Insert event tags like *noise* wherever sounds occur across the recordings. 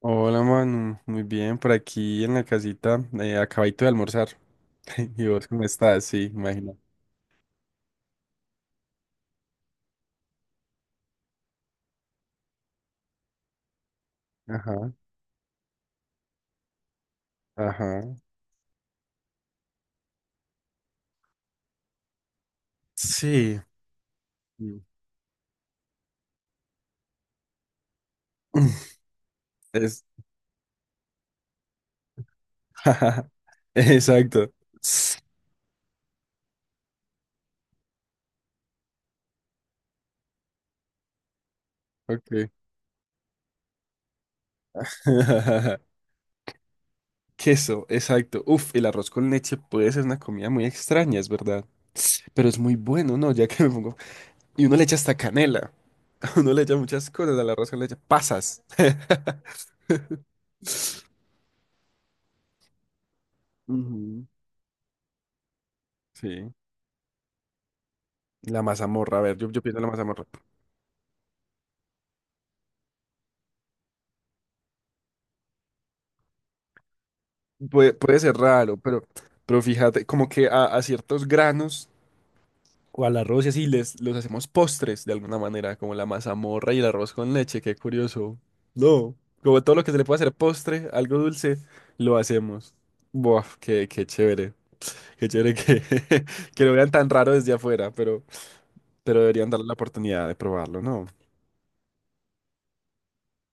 Hola Manu, muy bien, por aquí en la casita, acabadito de almorzar. *laughs* ¿Y vos cómo estás? Sí, imagino. Ajá, ajá. Sí. Mm. *laughs* Es... *laughs* Exacto. Ok. *laughs* Queso, exacto. Uf, el arroz con leche puede ser una comida muy extraña, es verdad. Pero es muy bueno, ¿no? Ya que me pongo... Y uno le echa hasta canela. *laughs* Uno le echa muchas cosas al arroz con leche. Pasas. *laughs* Ujú. Sí. La mazamorra, a ver, yo pienso en la mazamorra. Puede ser raro, pero fíjate, como que a ciertos granos o al arroz y así les, los hacemos postres de alguna manera, como la mazamorra y el arroz con leche, qué curioso. No, como todo lo que se le puede hacer postre, algo dulce, lo hacemos. Buah, qué, qué chévere que, *laughs* que lo vean tan raro desde afuera, pero deberían darle la oportunidad de probarlo, ¿no?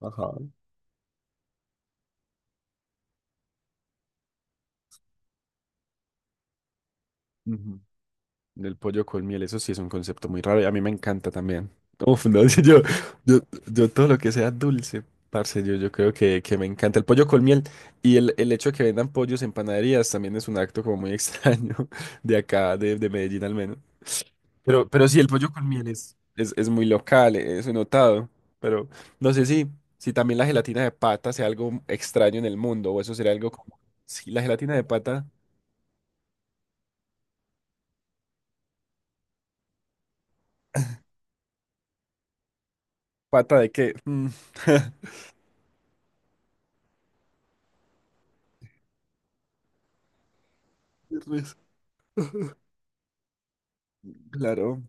Ajá. Ujú. Del pollo con miel, eso sí es un concepto muy raro y a mí me encanta también. Uf, no, *laughs* yo, yo todo lo que sea dulce, parce, yo creo que me encanta el pollo con miel y el hecho de que vendan pollos en panaderías también es un acto como muy extraño *laughs* de acá, de Medellín al menos. Pero sí, el pollo con miel es muy local, eso he notado, pero no sé si, si también la gelatina de pata sea algo extraño en el mundo o eso sería algo como, sí, la gelatina de pata, ¿pata de qué? Mm. *laughs* Qué risa. Claro.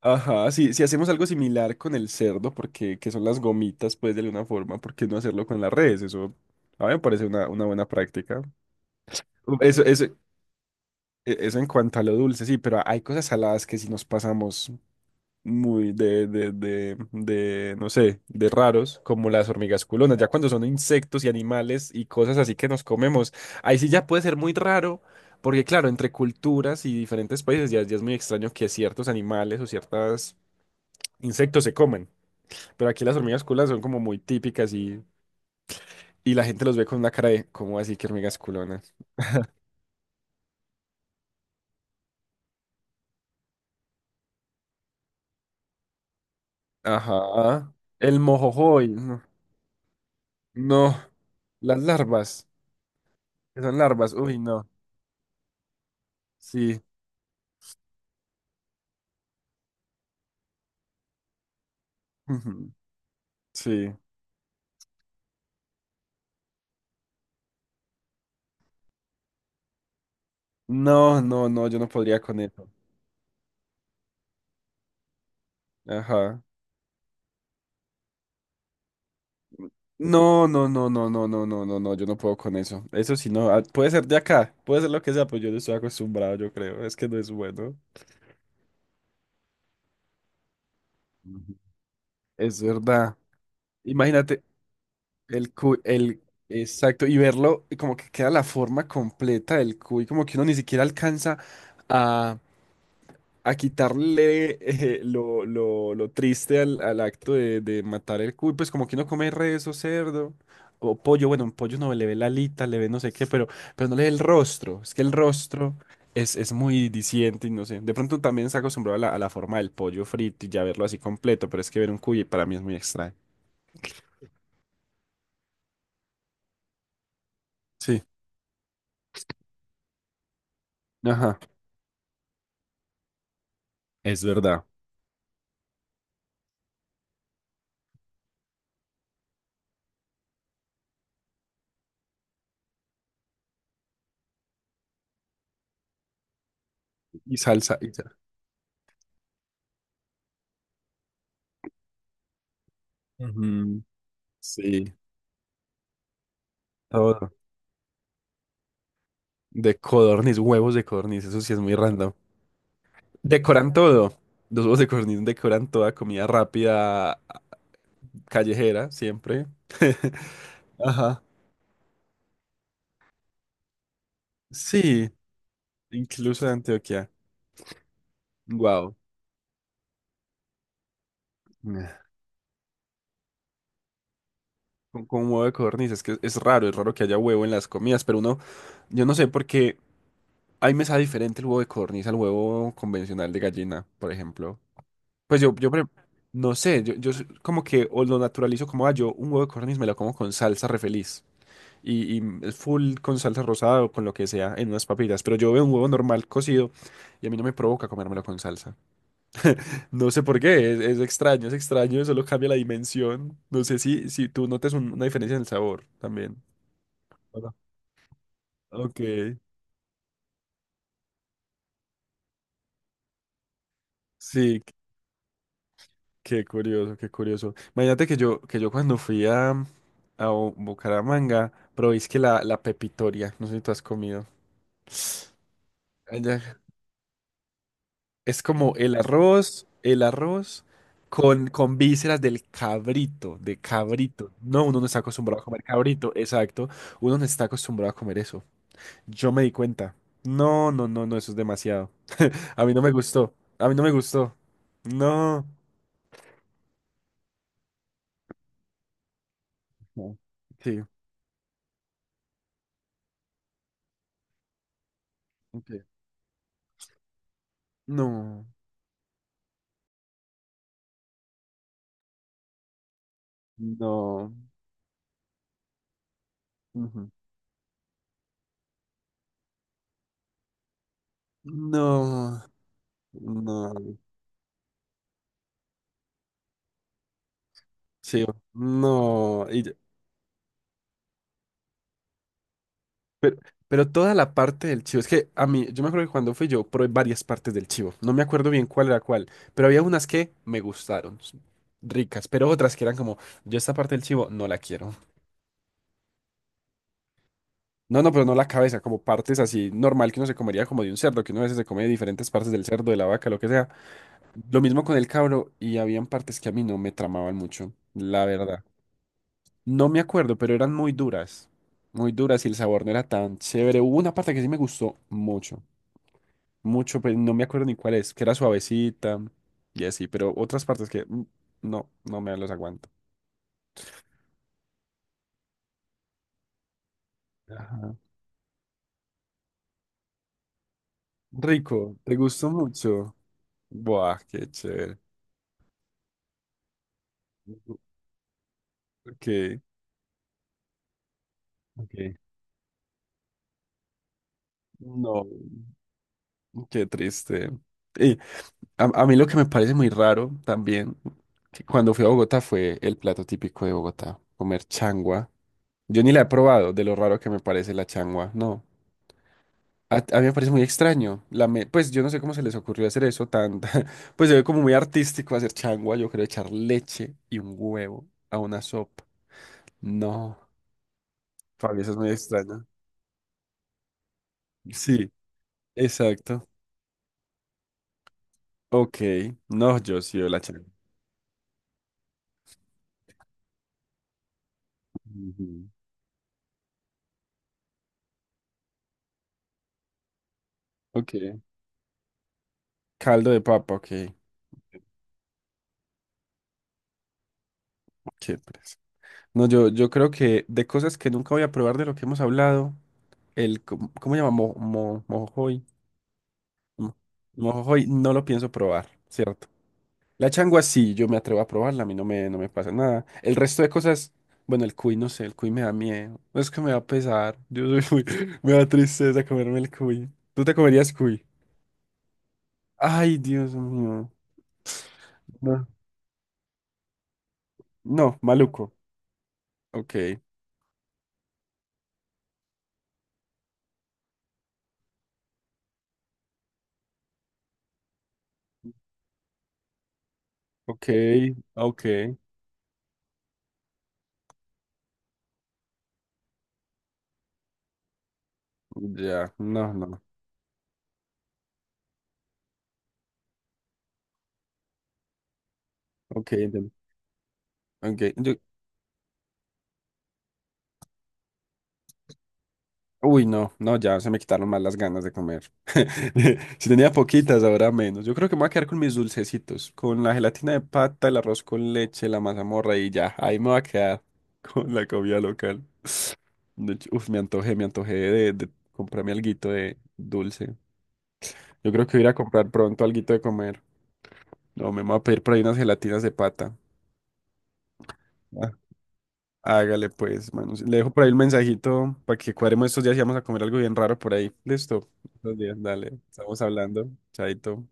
Ajá, sí, si hacemos algo similar con el cerdo, porque que son las gomitas, pues de alguna forma, ¿por qué no hacerlo con las redes? Eso a mí me parece una buena práctica. Eso, e- eso en cuanto a lo dulce, sí, pero hay cosas saladas que si nos pasamos muy no sé, de raros, como las hormigas culonas, ya cuando son insectos y animales y cosas así que nos comemos, ahí sí ya puede ser muy raro. Porque claro, entre culturas y diferentes países ya, ya es muy extraño que ciertos animales o ciertos insectos se comen. Pero aquí las hormigas culonas son como muy típicas y la gente los ve con una cara de, ¿cómo así que hormigas culonas? Ajá. El mojojoy. No. No. Las larvas. Que Son larvas. Uy, no. Sí. *laughs* Ujú. Sí. No, no, no, yo no podría con eso. Ajá. No, no, no, no, no, no, no, no, no, yo no puedo con eso. Eso sí, no. Puede ser de acá, puede ser lo que sea, pero yo no estoy acostumbrado, yo creo. Es que no es bueno. Ujú. Es verdad. Imagínate. El cuy, el, exacto, y verlo y como que queda la forma completa del cuy, como que uno ni siquiera alcanza a, a quitarle lo triste al, al acto de matar el cuy, pues como que uno come res o cerdo o pollo, bueno, un pollo no le ve la alita, le ve no sé qué, pero no le ve el rostro, es que el rostro es muy diciente y no sé, de pronto también se acostumbrado a la forma del pollo frito y ya verlo así completo, pero es que ver un cuy para mí es muy extraño. Sí, ajá, es verdad. Y salsa. Y sal- Ujú. Sí, todo. De codorniz, huevos de codorniz, eso sí es muy random. Decoran todo. Los huevos de codorniz decoran toda comida rápida, callejera, siempre. *laughs* Ajá. Sí, incluso de Antioquia. Wow. Con huevo de codorniz, es que es raro que haya huevo en las comidas, pero uno, yo no sé por qué a mí me sabe diferente el huevo de codorniz al huevo convencional de gallina, por ejemplo. Pues yo, por ejem- no sé, yo s- como que o lo naturalizo como, ah, yo un huevo de codorniz me lo como con salsa re feliz. Y es full con salsa rosada o con lo que sea en unas papitas. Pero yo veo un huevo normal cocido y a mí no me provoca comérmelo con salsa. No sé por qué, es extraño, solo cambia la dimensión. No sé si, si tú notas un- una diferencia en el sabor también. Hola. Ok. Sí, qué curioso, qué curioso. Imagínate que yo cuando fui a Bu- Bucaramanga, probé es que la pepitoria, no sé si tú has comido. Allá es como el arroz con vísceras del cabrito, de cabrito. No, uno no está acostumbrado a comer cabrito, exacto. Uno no está acostumbrado a comer eso. Yo me di cuenta. No, no, no, no, eso es demasiado. *laughs* A mí no me gustó. A mí no me gustó. No. No. Sí. Ok. No. No. Ujú. No, no, chivo, no. y yo- pero, pero toda la parte del chivo, es que a mí, yo me acuerdo que cuando fui yo probé varias partes del chivo, no me acuerdo bien cuál era cuál, pero había unas que me gustaron, s- ricas, pero otras que eran como, yo esta parte del chivo no la quiero. No, no, pero no la cabeza, como partes así normal que uno se comería como de un cerdo, que uno a veces se come de diferentes partes del cerdo, de la vaca, lo que sea. Lo mismo con el cabro y habían partes que a mí no me tramaban mucho, la verdad. No me acuerdo, pero eran muy duras. Muy duras y el sabor no era tan chévere. Hubo una parte que sí me gustó mucho. Mucho, pero no me acuerdo ni cuál es, que era suavecita y así, pero otras partes que no, no me los aguanto. Ajá. Rico, te gustó mucho. Buah, qué chévere. Ok, ok. No, qué triste. Y a mí lo que me parece muy raro también, que cuando fui a Bogotá fue el plato típico de Bogotá, comer changua. Yo ni la he probado, de lo raro que me parece la changua, no. A mí me parece muy extraño. La me- pues yo no sé cómo se les ocurrió hacer eso tan... *laughs* Pues se ve como muy artístico hacer changua, yo creo echar leche y un huevo a una sopa. No, para mí eso es muy extraño. Sí, exacto. Ok, no, yo sí veo la changua. Ujú. Ok. Caldo de papa, ok. Qué pereza. No, yo creo que de cosas que nunca voy a probar de lo que hemos hablado, el... co- ¿Cómo se llama? Mo, mo- mojojoy. Mm. Mojo hoy no lo pienso probar, ¿cierto? La changua sí, yo me atrevo a probarla, a mí no me, no me pasa nada. El resto de cosas, bueno, el cuy no sé, el cuy me da miedo. No, es que me va a pesar. Yo soy muy- *laughs* me da tristeza comerme el cuy. ¿Tú te comerías cuy? Ay, Dios mío. No, no, maluco. Ok, ok, ok. Ya, no, no. Ok, entiendo. Ok, yo- Uy, no, no, ya se me quitaron más las ganas de comer. *laughs* Si tenía poquitas, ahora menos. Yo creo que me voy a quedar con mis dulcecitos, con la gelatina de pata, el arroz con leche, la mazamorra y ya. Ahí me voy a quedar *laughs* con la comida local. De hecho, uf, me antojé de comprarme alguito de dulce. Yo creo que voy a ir a comprar pronto alguito de comer. No, me voy a pedir por ahí unas gelatinas de pata. Ah, hágale pues, manos. Le dejo por ahí el mensajito para que cuadremos estos días y vamos a comer algo bien raro por ahí. Listo. Estos días, dale. Estamos hablando. Chaito.